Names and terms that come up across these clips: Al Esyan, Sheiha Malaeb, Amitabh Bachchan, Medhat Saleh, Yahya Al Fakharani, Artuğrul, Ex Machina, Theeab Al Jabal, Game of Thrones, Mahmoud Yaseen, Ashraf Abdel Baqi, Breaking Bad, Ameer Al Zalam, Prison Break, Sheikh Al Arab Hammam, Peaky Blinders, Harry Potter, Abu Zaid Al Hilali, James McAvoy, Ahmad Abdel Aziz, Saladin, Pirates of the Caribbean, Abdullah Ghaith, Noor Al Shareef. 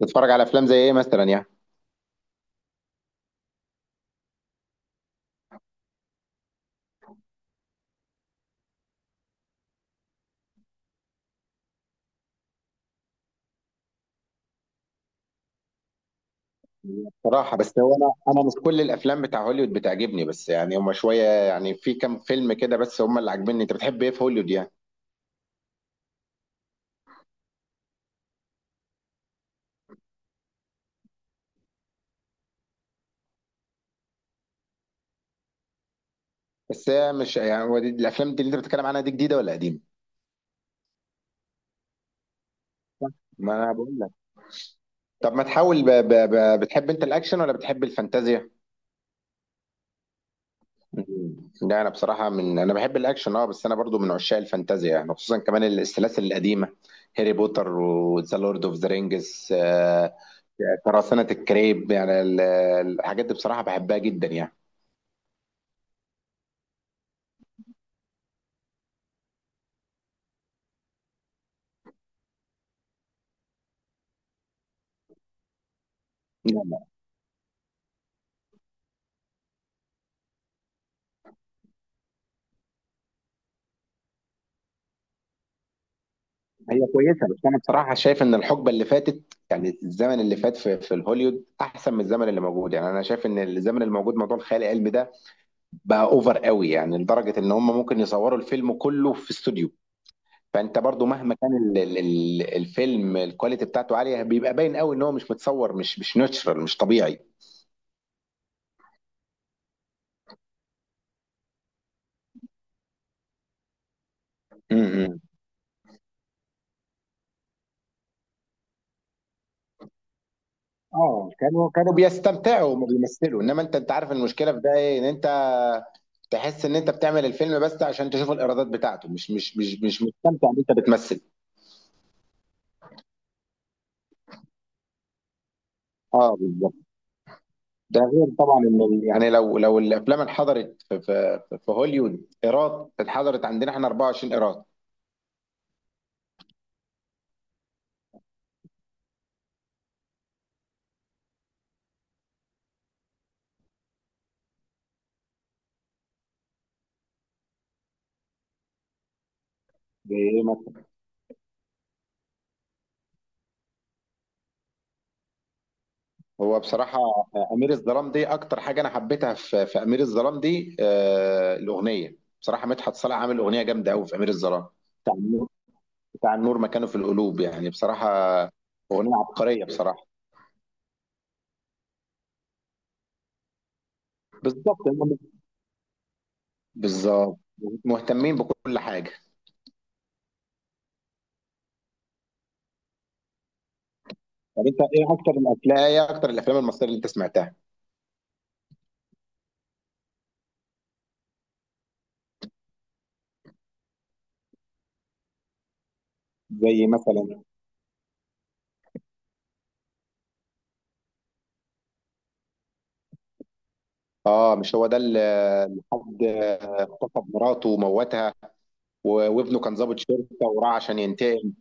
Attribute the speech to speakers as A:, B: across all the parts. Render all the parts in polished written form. A: بتتفرج على افلام زي ايه مثلا يعني؟ صراحه بس هو انا مش كل الافلام بتاع هوليوود بتعجبني، بس يعني هما شويه، يعني في كام فيلم كده بس هما اللي عاجبني. انت بتحب ايه في هوليوود يعني؟ بس هي مش يعني، هو دي الافلام دي اللي انت بتتكلم عنها دي جديده ولا قديمه؟ ما انا بقول لك. طب ما تحاول، بتحب انت الاكشن ولا بتحب الفانتازيا؟ لا انا بصراحه من، انا بحب الاكشن اه، بس انا برضو من عشاق الفانتازيا، يعني خصوصا كمان السلاسل القديمه، هاري بوتر وذا لورد اوف ذا رينجز، قراصنة الكريب، يعني الحاجات دي بصراحة بحبها جدا يعني. لا لا. هي كويسة، بس أنا بصراحة شايف إن الحقبة اللي فاتت، يعني الزمن اللي فات في الهوليود أحسن من الزمن اللي موجود. يعني أنا شايف إن الزمن اللي موجود موضوع الخيال العلمي ده بقى أوفر قوي، يعني لدرجة إن هم ممكن يصوروا الفيلم كله في استوديو. فأنت برضو مهما كان الفيلم الكواليتي بتاعته عالية، بيبقى باين قوي إن هو مش متصور، مش ناتشرال، مش طبيعي. م- م. اه، كانوا بيستمتعوا وما بيمثلوا. انما انت، عارف المشكله في ده ايه؟ ان انت تحس ان انت بتعمل الفيلم بس عشان تشوف الايرادات بتاعته، مش مستمتع ان انت بتمثل. اه بالظبط. ده غير طبعا ان يعني لو الافلام اتحضرت في هوليوود ايراد، اتحضرت عندنا احنا 24 ايراد. بايه مثلا؟ هو بصراحه امير الظلام دي اكتر حاجه انا حبيتها في امير الظلام دي، آه الاغنيه. بصراحه مدحت صالح عامل اغنيه جامده قوي في امير الظلام، بتاع النور. بتاع النور مكانه في القلوب يعني بصراحه، اغنيه عبقريه بصراحه. بالظبط. بالظبط، مهتمين بكل حاجه. طب انت ايه اكتر الافلام، ايه اكتر الافلام المصريه اللي انت سمعتها؟ زي مثلا؟ اه، مش هو ده اللي، حد اغتصب مراته وموتها، وابنه كان ضابط شرطه وراح عشان ينتقم؟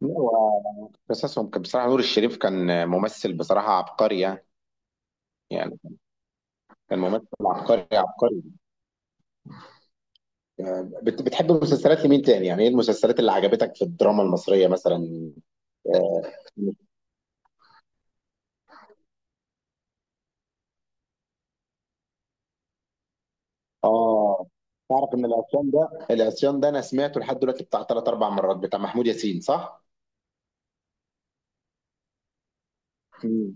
A: لا، هو قصصهم كان بصراحه، نور الشريف كان ممثل بصراحه عبقري يعني. يعني كان ممثل عبقري عبقري. بتحب مسلسلات لمين تاني؟ يعني ايه المسلسلات اللي عجبتك في الدراما المصريه مثلا؟ آه، اه، تعرف ان العصيان ده، العصيان ده انا سمعته لحد دلوقتي بتاع ثلاث اربع مرات، بتاع محمود ياسين صح؟ مم.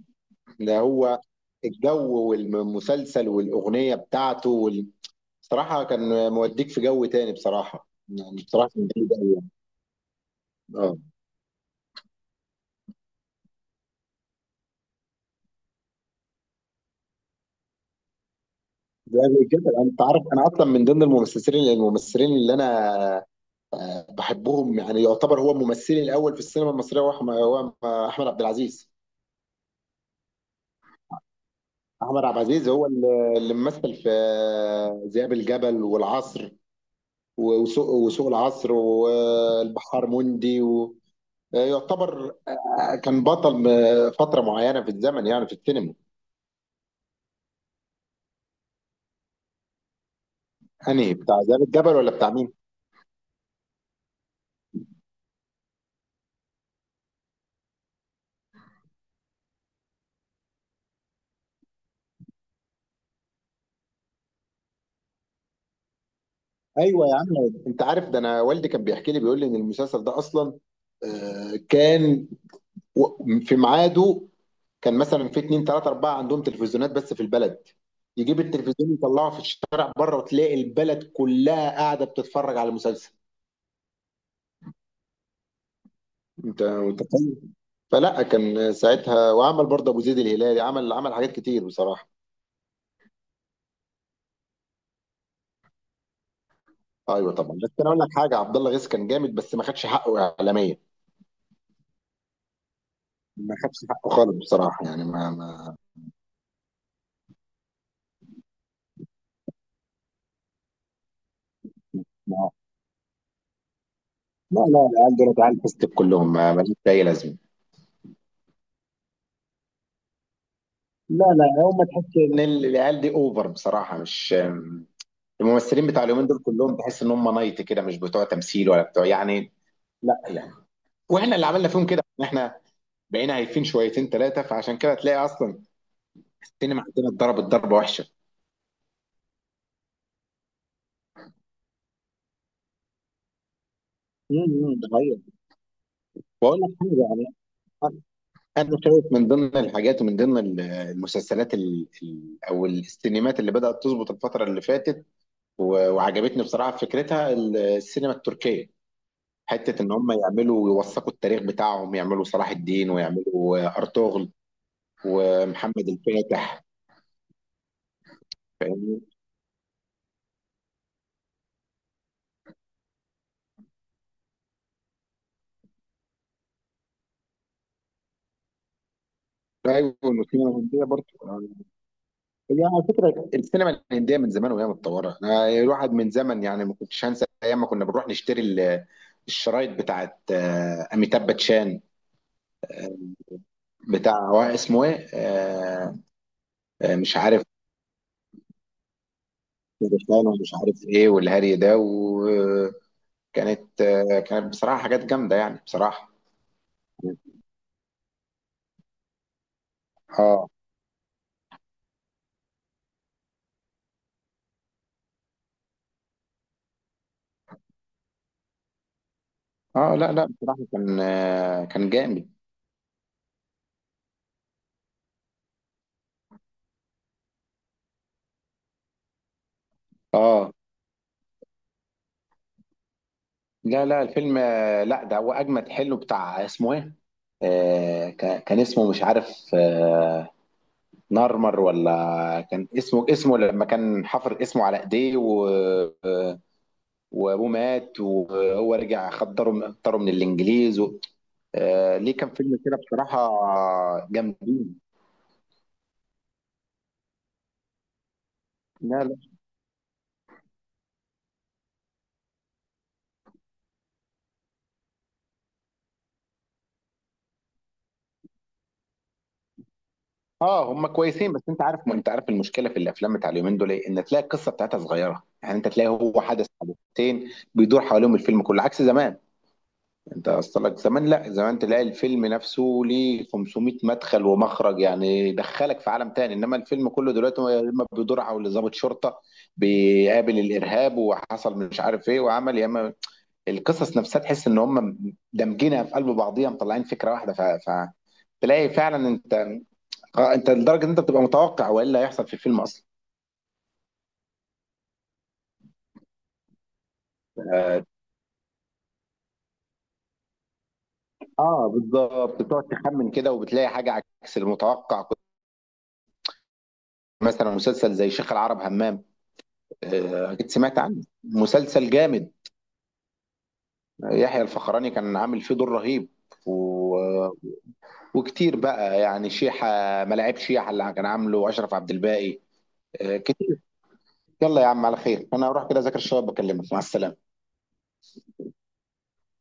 A: ده هو، الجو والمسلسل والاغنيه بتاعته بصراحه كان موديك في جو تاني بصراحه، يعني بصراحه كان جامد أوي يعني. اه. ده غير كده، انت عارف انا اصلا من ضمن الممثلين، اللي انا بحبهم، يعني يعتبر هو ممثلي الاول في السينما المصريه، هو هو احمد عبد العزيز. احمد عبد العزيز هو اللي ممثل في ذئاب الجبل والعصر، وسوق العصر، والبحار مندي يعتبر كان بطل فتره معينه في الزمن يعني، في السينما. انهي، بتاع ذئاب الجبل ولا بتاع مين؟ ايوه يا عم. انت عارف ده، انا والدي كان بيحكي لي، بيقول لي ان المسلسل ده اصلا كان، في ميعاده كان مثلا في اتنين تلاته اربعه عندهم تلفزيونات بس في البلد، يجيب التلفزيون يطلعه في الشارع بره وتلاقي البلد كلها قاعده بتتفرج على المسلسل. انت متخيل؟ فلا كان ساعتها. وعمل برضه ابو زيد الهلالي، عمل حاجات كتير بصراحه. ايوه طبعا. بس انا اقول لك حاجه، عبد الله غيث كان جامد، بس ما خدش حقه اعلاميا. ما خدش حقه خالص بصراحه، يعني ما، لا لا. العيال دول عيال فستك كلهم، ما ماليش اي لازمه. لا لا، هم تحس ان العيال دي اوفر بصراحه، مش الممثلين بتاع اليومين دول كلهم. تحس ان هم نايت كده، مش بتوع تمثيل ولا بتوع يعني، لا يعني، واحنا اللي عملنا فيهم كده، ان احنا بقينا هايفين شويتين ثلاثه، فعشان كده تلاقي اصلا السينما عندنا اتضربت ضربه وحشه. امم، ده حقيقة. بقول لك حاجه. انا أنا شايف من ضمن الحاجات ومن ضمن المسلسلات او السينمات اللي بدات تظبط الفتره اللي فاتت، وعجبتني بصراحه فكرتها، السينما التركيه. حته ان هم يعملوا يوثقوا التاريخ بتاعهم، يعملوا صلاح الدين، ويعملوا ارطغرل ومحمد الفاتح. ايوه، والسينما الهنديه برضه. هي على فكره السينما الهنديه من زمان وهي متطوره. أنا الواحد من زمن يعني، ما كنتش هنسى ايام ما كنا بنروح نشتري الشرايط بتاعت اميتاب باتشان، بتاع، هو اسمه ايه مش عارف، باتشان، ومش عارف ايه، والهري ده. وكانت كانت بصراحه حاجات جامده يعني بصراحه. اه اه. لا لا بصراحه كان كان جامد. اه. لا لا الفيلم لا، ده هو اجمد، حلو بتاع، اسمه ايه كان، كان اسمه مش عارف، آه، نارمر، ولا كان اسمه، اسمه لما كان حفر اسمه على ايديه و... آه، وابوه مات، وهو رجع خدره خدره من الانجليز و... آه، ليه، كان فيلم كده بصراحة جامدين. لا لا. اه، هم كويسين، بس انت عارف، انت عارف المشكله في الافلام بتاع اليومين دول ايه؟ ان تلاقي القصه بتاعتها صغيره، يعني انت تلاقي هو حدث حدثتين بيدور حواليهم الفيلم كله، عكس زمان. انت اصلك زمان، لا زمان تلاقي الفيلم نفسه ليه 500 مدخل ومخرج، يعني يدخلك في عالم تاني. انما الفيلم كله دلوقتي هو يا اما بيدور حول ضابط شرطه بيقابل الارهاب وحصل مش عارف ايه وعمل، يا اما القصص نفسها تحس ان هم دمجينها في قلب بعضيها مطلعين فكره واحده، تلاقي فعلا انت، اه انت لدرجه ان انت بتبقى متوقع وايه اللي هيحصل في الفيلم اصلا. اه. بالظبط، بتقعد تخمن كده وبتلاقي حاجه عكس المتوقع. مثلا مسلسل زي شيخ العرب همام، أكيد سمعت عنه، مسلسل جامد. يحيى الفخراني كان عامل فيه دور رهيب و... وكتير بقى يعني، شيحة، ملاعب شيحة اللي كان عامله أشرف عبد الباقي، كتير. يلا يا عم على خير، أنا هروح كده أذاكر الشباب، بكلمك، مع السلامة.